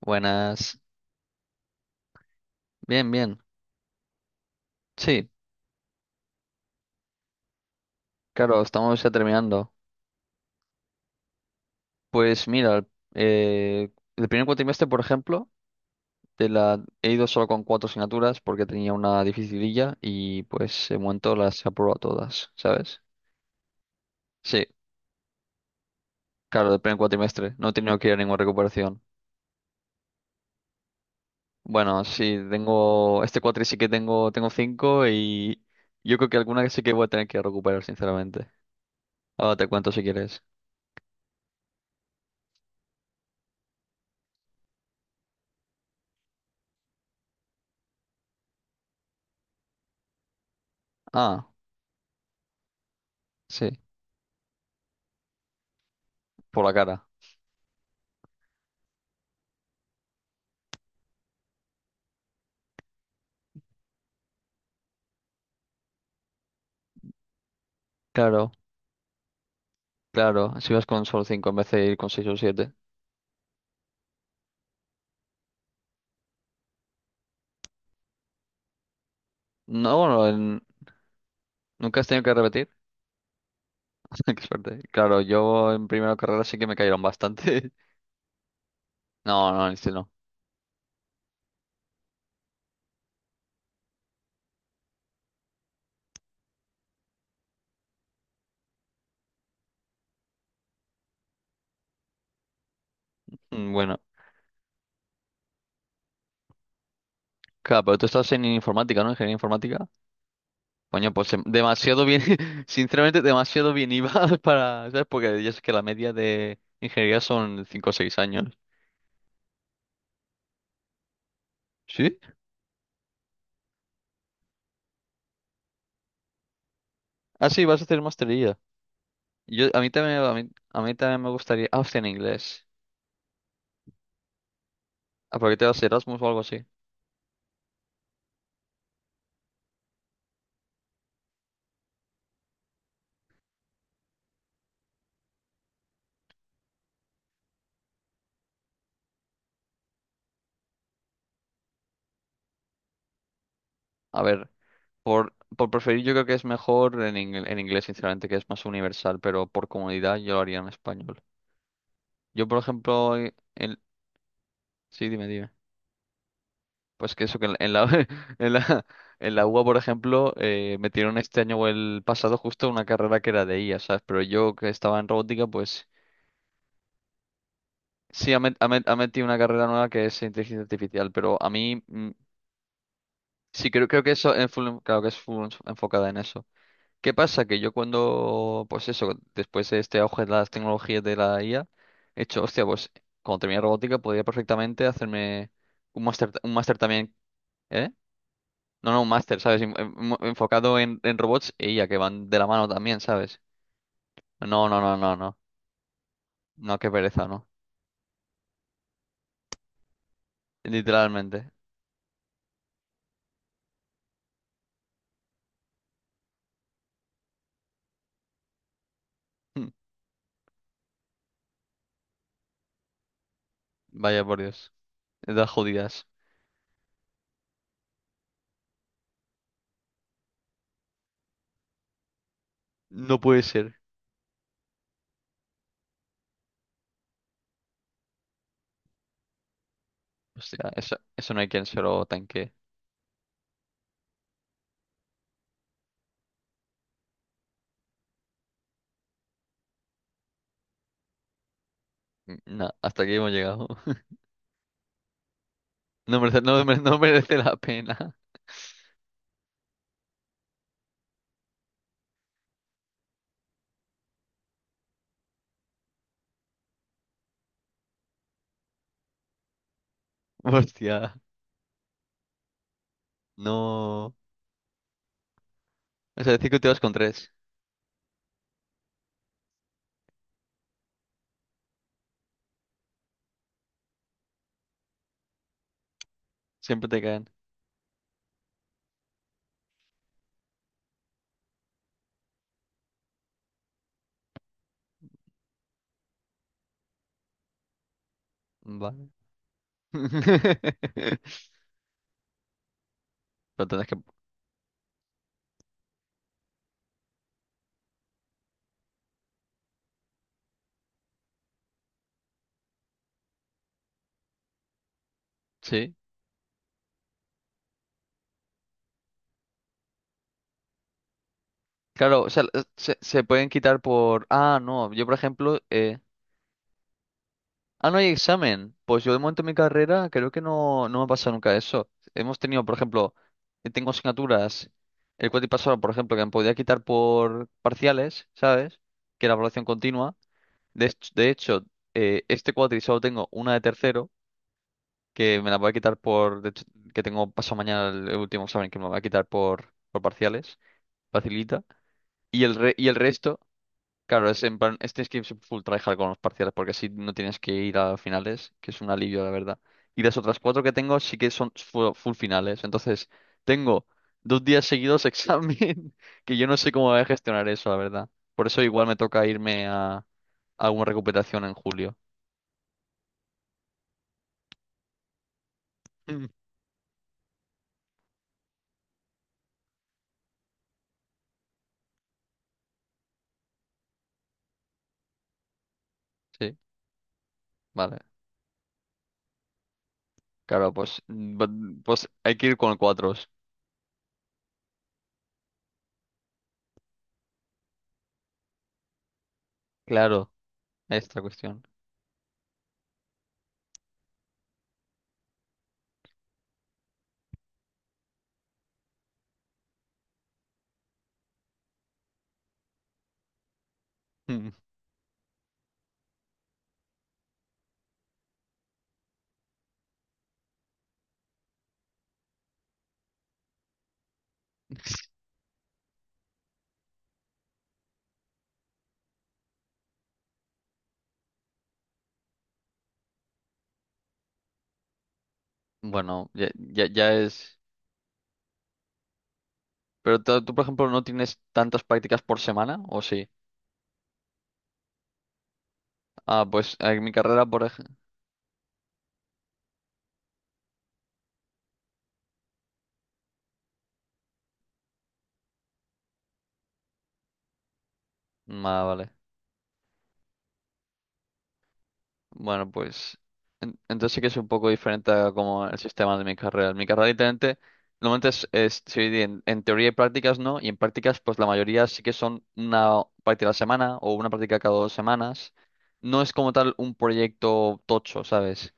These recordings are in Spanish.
Buenas. Bien, bien. Sí, claro, estamos ya terminando. Pues mira, eh, el primer cuatrimestre, por ejemplo, he ido solo con cuatro asignaturas porque tenía una dificililla y pues en momento las he aprobado todas, ¿sabes? Sí, claro, del primer cuatrimestre. No he tenido que ir a ninguna recuperación. Bueno, sí, tengo... Este cuatri sí que tengo cinco y yo creo que alguna sí que voy a tener que recuperar, sinceramente. Ahora te cuento si quieres. Ah, sí, por la cara. Claro. Claro, si vas con solo 5, en vez de ir con seis o siete. No, bueno, nunca has tenido que repetir. Qué suerte. Claro, yo en primera carrera sí que me cayeron bastante. No, no, en este no. Mm. Bueno, claro, pero tú estás en informática, ¿no? Ingeniería informática. Coño, pues demasiado bien, sinceramente, demasiado bien ibas para, ¿sabes? Porque ya sé que la media de ingeniería son 5 o 6 años. ¿Sí? Ah, sí, vas a hacer maestría. Yo, a mí también, a mí también me gustaría. Ah, hostia, en inglés. ¿A por qué te vas a Erasmus o algo así? A ver. Por preferir, yo creo que es mejor en inglés, sinceramente, que es más universal, pero por comodidad yo lo haría en español. Yo, por ejemplo, Sí, dime, dime. Pues que eso, que en la, en la, en la UA, por ejemplo, metieron este año o el pasado justo una carrera que era de IA, ¿sabes? Pero yo que estaba en robótica, pues sí, ha metido una carrera nueva que es inteligencia artificial, pero a mí sí creo que eso es claro que es full enfocada en eso. ¿Qué pasa? Que yo cuando, pues eso, después de este auge de las tecnologías de la IA, he hecho, hostia, pues cuando terminé robótica podría perfectamente hacerme un máster también, ¿eh? No, no, un máster, ¿sabes? Enfocado en robots e IA, que van de la mano también, ¿sabes? No, no, no, no, no. No, qué pereza, no. Literalmente. Hmm. Vaya por Dios. Edad jodidas. No puede ser. Hostia, eso no hay quien se lo tanque. No, hasta aquí hemos llegado. No merece la pena. Hostia, no. O sea, decir que te vas con tres. Siempre te caen. Vale. Pero tendrás que. Sí. Claro, o sea, se pueden quitar por. Ah, no. Yo, por ejemplo. Ah, no hay examen. Pues yo, de momento, en mi carrera, creo que no, no me ha pasado nunca eso. Hemos tenido, por ejemplo, tengo asignaturas. El cuatrimestre pasado, por ejemplo, que me podía quitar por parciales, ¿sabes? Que era evaluación continua. De hecho, este cuatri solo tengo una de tercero, que me la voy a quitar por, de hecho, que tengo paso mañana el último examen que me lo voy a quitar por parciales, facilita. Y el resto, claro, es en plan, es tienes que ir full tryhard con los parciales, porque así no tienes que ir a finales, que es un alivio, la verdad. Y las otras cuatro que tengo sí que son full, finales. Entonces, tengo 2 días seguidos examen, que yo no sé cómo voy a gestionar eso, la verdad. Por eso igual me toca irme a una recuperación en julio. Sí, vale. Claro, pues, pues hay que ir con cuatros. Claro, esta cuestión. Mm. Bueno, ya, ya, ya es. Pero tú, por ejemplo, no tienes tantas prácticas por semana, ¿o sí? Ah, pues en mi carrera, por ejemplo. Ah, vale. Bueno, pues, entonces sí que es un poco diferente a como el sistema de mi carrera. En mi carrera, literalmente, normalmente se divide en teoría y prácticas, ¿no? Y en prácticas, pues la mayoría sí que son una práctica a la semana o una práctica cada 2 semanas. No es como tal un proyecto tocho, ¿sabes?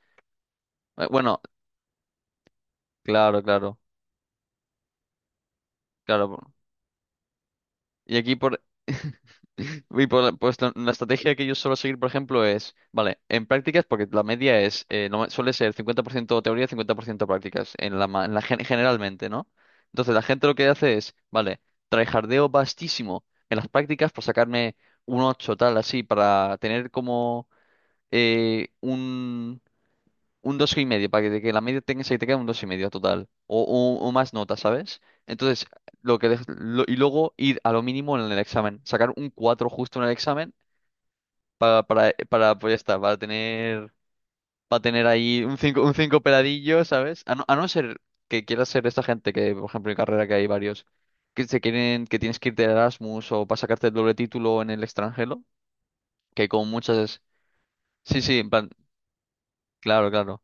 Bueno, claro, claro, claro. Y aquí pues la estrategia que yo suelo seguir, por ejemplo, es, vale, en prácticas, porque la media es, suele ser 50% teoría, 50% prácticas, en la, ma- en la gen- generalmente, ¿no? Entonces la gente lo que hace es, vale, tryhardeo vastísimo en las prácticas por sacarme un 8 tal, así, para tener como eh, un dos y medio, para que la media tenga, se te quede un dos y medio total, o más notas, ¿sabes? Entonces, lo que dej- lo- y luego ir a lo mínimo en el examen, sacar un 4 justo en el examen para pues ya está, para tener ahí un cinco peladillo, ¿sabes? A no ser que quieras ser esta gente que, por ejemplo, en carrera que hay varios que se quieren, que tienes que ir de Erasmus o para sacarte el doble título en el extranjero, que con muchas... Sí, sí, en plan, claro, claro.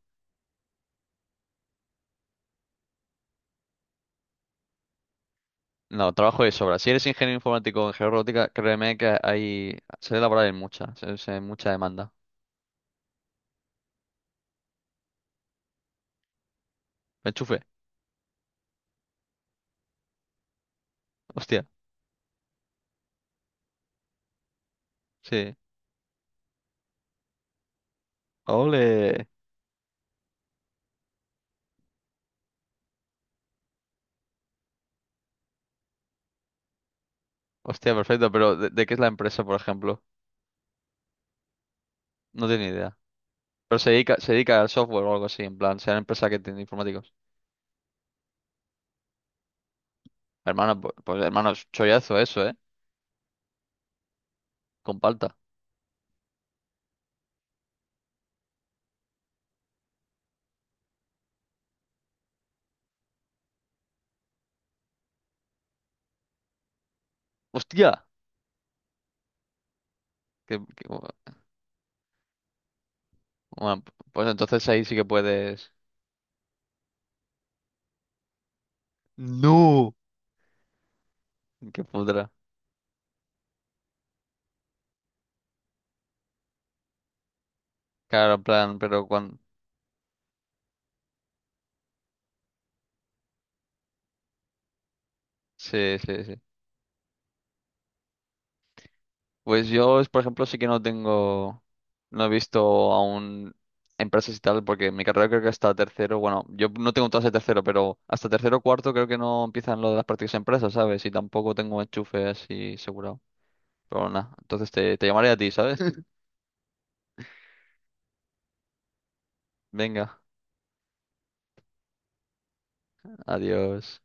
No, trabajo de sobra. Si eres ingeniero informático en georótica, créeme que hay... Se ve laboral en mucha, mucha demanda. Enchufe, hostia, sí. Ole. Hostia, perfecto, pero ¿de qué es la empresa, por ejemplo? No tengo ni idea. Pero se dedica al software o algo así, en plan, sea una empresa que tiene informáticos. Hermano, pues, hermano, es chollazo eso, ¿eh? Con palta. ¡Hostia! Que- que- bueno, pues entonces ahí sí que puedes... ¡No! ¡Qué pudra! Claro, en plan, pero cuando... Sí, sí, sí. Pues yo, por ejemplo, sí que no tengo, no he visto aún empresas y tal, porque mi carrera creo que hasta tercero, bueno, yo no tengo todas de tercero, pero hasta tercero o cuarto creo que no empiezan lo de las prácticas de empresas, ¿sabes? Y tampoco tengo enchufe así asegurado. Pero nada, entonces te llamaré a ti, ¿sabes? Venga, adiós.